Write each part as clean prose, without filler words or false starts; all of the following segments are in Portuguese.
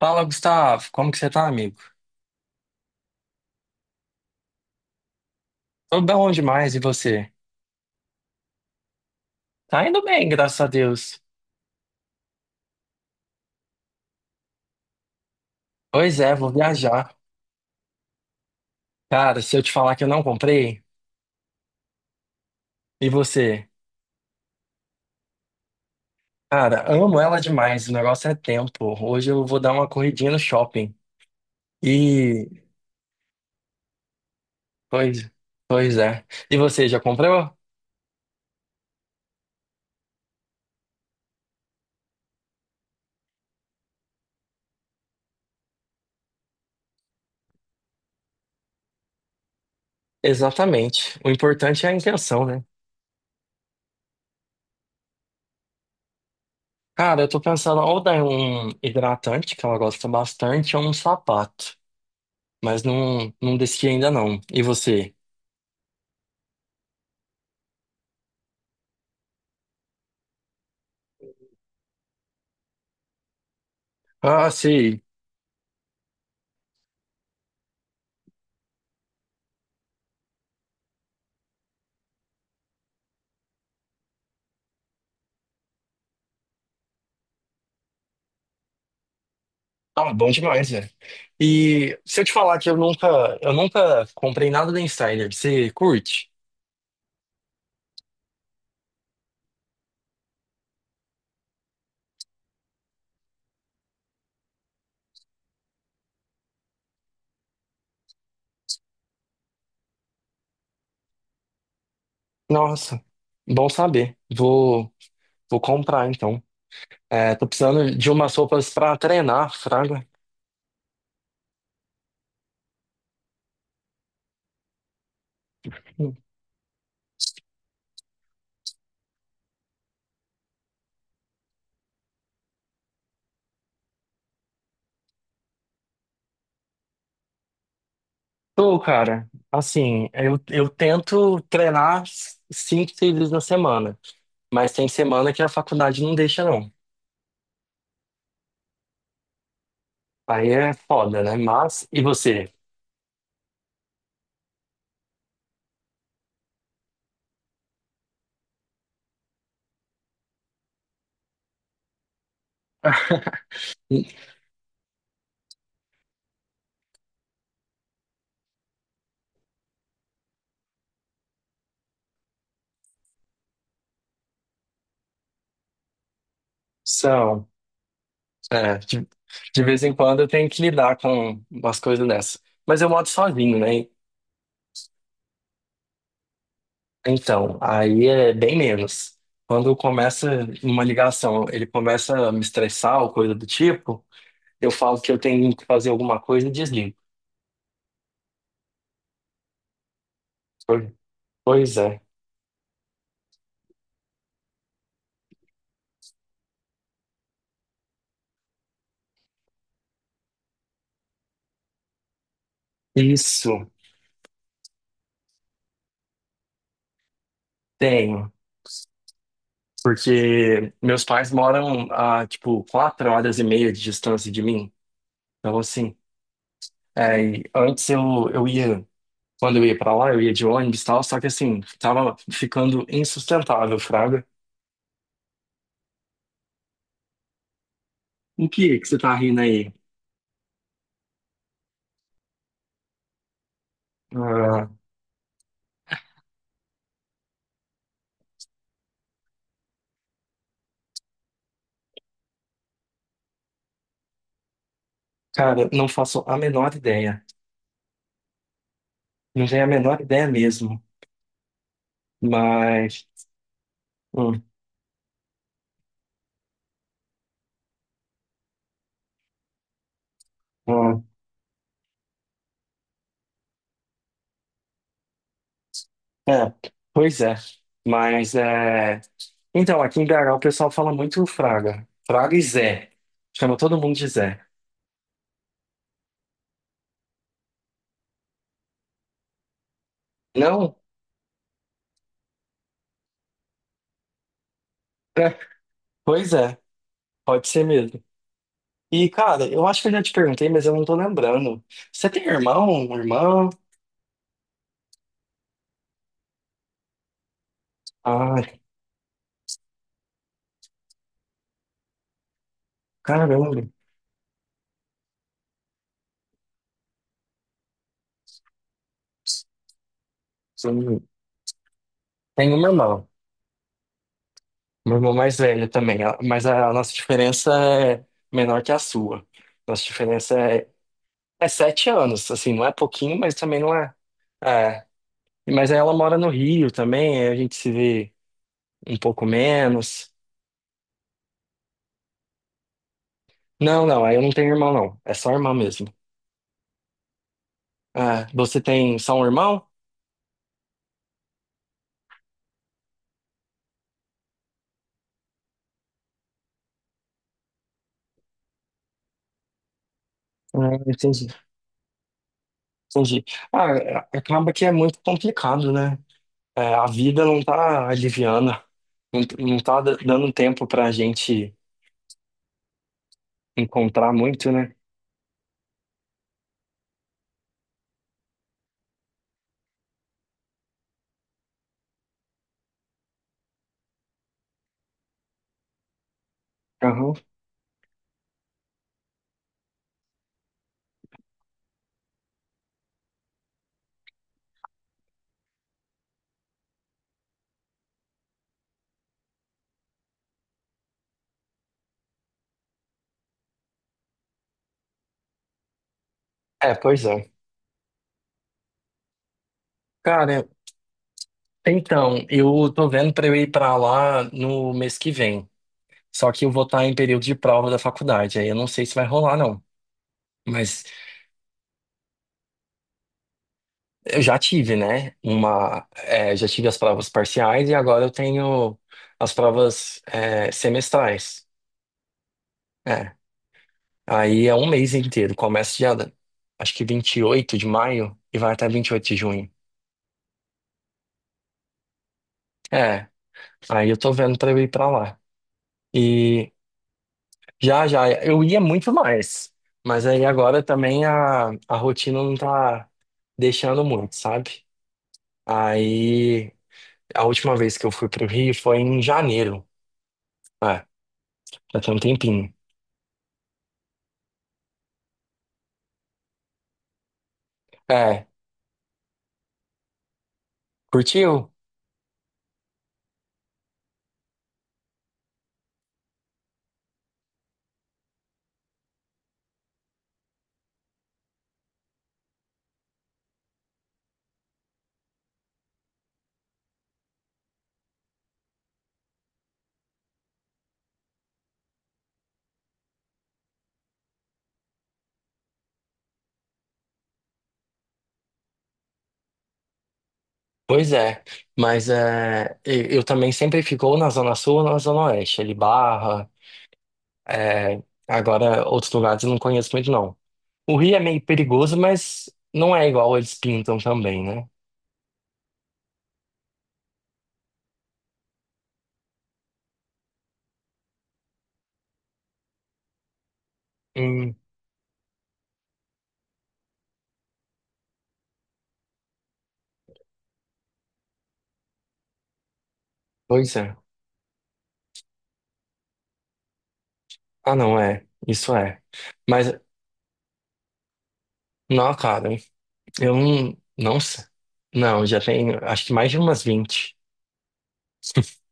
Fala, Gustavo. Como que você tá, amigo? Tô bom demais, e você? Tá indo bem, graças a Deus. Pois é, vou viajar. Cara, se eu te falar que eu não comprei, e você? Cara, amo ela demais, o negócio é tempo. Hoje eu vou dar uma corridinha no shopping. E... Pois, pois é. E você, já comprou? Exatamente. O importante é a intenção, né? Cara, eu tô pensando ou dar um hidratante, que ela gosta bastante, ou um sapato. Mas não, não decidi ainda não. E você? Ah, sim. Ah, bom demais, velho. E se eu te falar que eu nunca comprei nada da Insider, você curte? Nossa, bom saber. Vou comprar então. É, tô precisando de umas roupas pra treinar, fraga. Tô, cara. Assim, eu tento treinar cinco, seis vezes na semana, mas tem semana que a faculdade não deixa, não. Aí é foda, né? Mas, e você? São. É, de vez em quando eu tenho que lidar com umas coisas dessa. Mas eu moro sozinho, né? Então, aí é bem menos. Quando começa uma ligação, ele começa a me estressar ou coisa do tipo, eu falo que eu tenho que fazer alguma coisa e desligo. Po- Pois é. Isso, tenho. Porque meus pais moram a, tipo, 4 horas e meia de distância de mim. Então, assim, é, e antes eu ia. Quando eu ia pra lá, eu ia de ônibus e tal, só que assim, tava ficando insustentável, Fraga. O que é que você tá rindo aí? Ah, cara, não faço a menor ideia. Não tenho a menor ideia mesmo. Mas. hum, hum, é, pois é. Mas é. Então, aqui em BH o pessoal fala muito Fraga. Fraga e Zé. Chama todo mundo de Zé. Não? É, pois é, pode ser mesmo. E, cara, eu acho que eu já te perguntei, mas eu não tô lembrando. Você tem irmão, irmã? Ah, caramba. Sim. Tenho uma irmã. Uma irmã mais velha também. Mas a nossa diferença é menor que a sua. Nossa diferença é, 7 anos. Assim, não é pouquinho, mas também não é. É. Mas ela mora no Rio também. Aí a gente se vê um pouco menos. Não, não. Aí eu não tenho irmão, não. É só irmã mesmo. Ah, você tem só um irmão? Ah, entendi. Entendi. Ah, acaba que é muito complicado, né? É, a vida não tá aliviando, não, não tá dando tempo pra gente encontrar muito, né? Aham. É, pois é. Cara, então, eu tô vendo pra eu ir pra lá no mês que vem. Só que eu vou estar em período de prova da faculdade, aí eu não sei se vai rolar, não. Mas eu já tive, né? É, já tive as provas parciais e agora eu tenho as provas, é, semestrais. É, aí é um mês inteiro. Começa dia, acho que 28 de maio e vai até 28 de junho. É, aí eu tô vendo pra eu ir pra lá. E já, já, eu ia muito mais. Mas aí agora também a rotina não tá deixando muito, sabe? Aí a última vez que eu fui pro Rio foi em janeiro. É, já tem um tempinho. É, curtiu? Pois é, mas é, eu também sempre fico ou na Zona Sul ou na Zona Oeste, ali Barra. É, agora, outros lugares eu não conheço muito, não. O Rio é meio perigoso, mas não é igual eles pintam também, né? Hum, pois é. Ah, não, é. Isso é. Mas, não, cara, eu não. Não sei. Não, já tenho, acho que mais de umas 20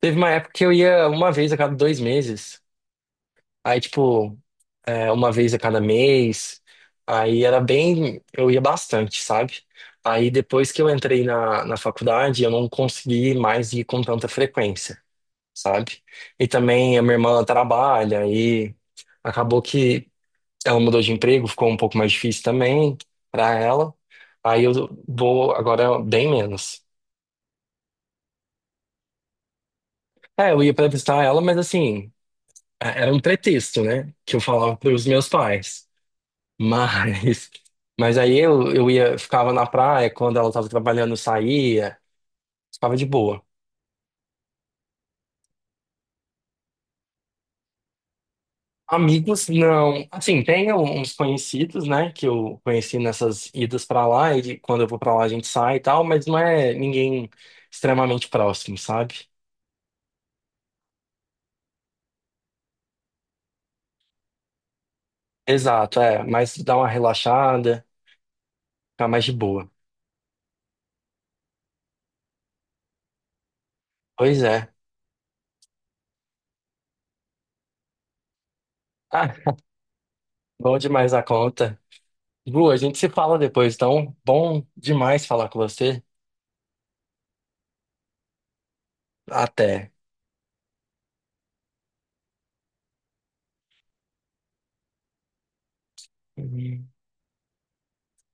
Teve uma época que eu ia uma vez a cada 2 meses. Aí, tipo, é, uma vez a cada mês. Aí era bem. Eu ia bastante, sabe? Aí depois que eu entrei na faculdade, eu não consegui mais ir com tanta frequência, sabe? E também a minha irmã trabalha e acabou que ela mudou de emprego, ficou um pouco mais difícil também pra ela. Aí eu vou agora bem menos. É, eu ia pra visitar ela, mas assim, era um pretexto, né? Que eu falava pros meus pais. Mas, mas aí eu ia, ficava na praia, quando ela estava trabalhando, eu saía, ficava de boa. Amigos, não. Assim, tem uns conhecidos, né, que eu conheci nessas idas pra lá, e quando eu vou pra lá a gente sai e tal, mas não é ninguém extremamente próximo, sabe? Exato, é, mas dá uma relaxada, fica mais de boa. Pois é. Ah, bom demais a conta. Bu, a gente se fala depois, então, bom demais falar com você. Até.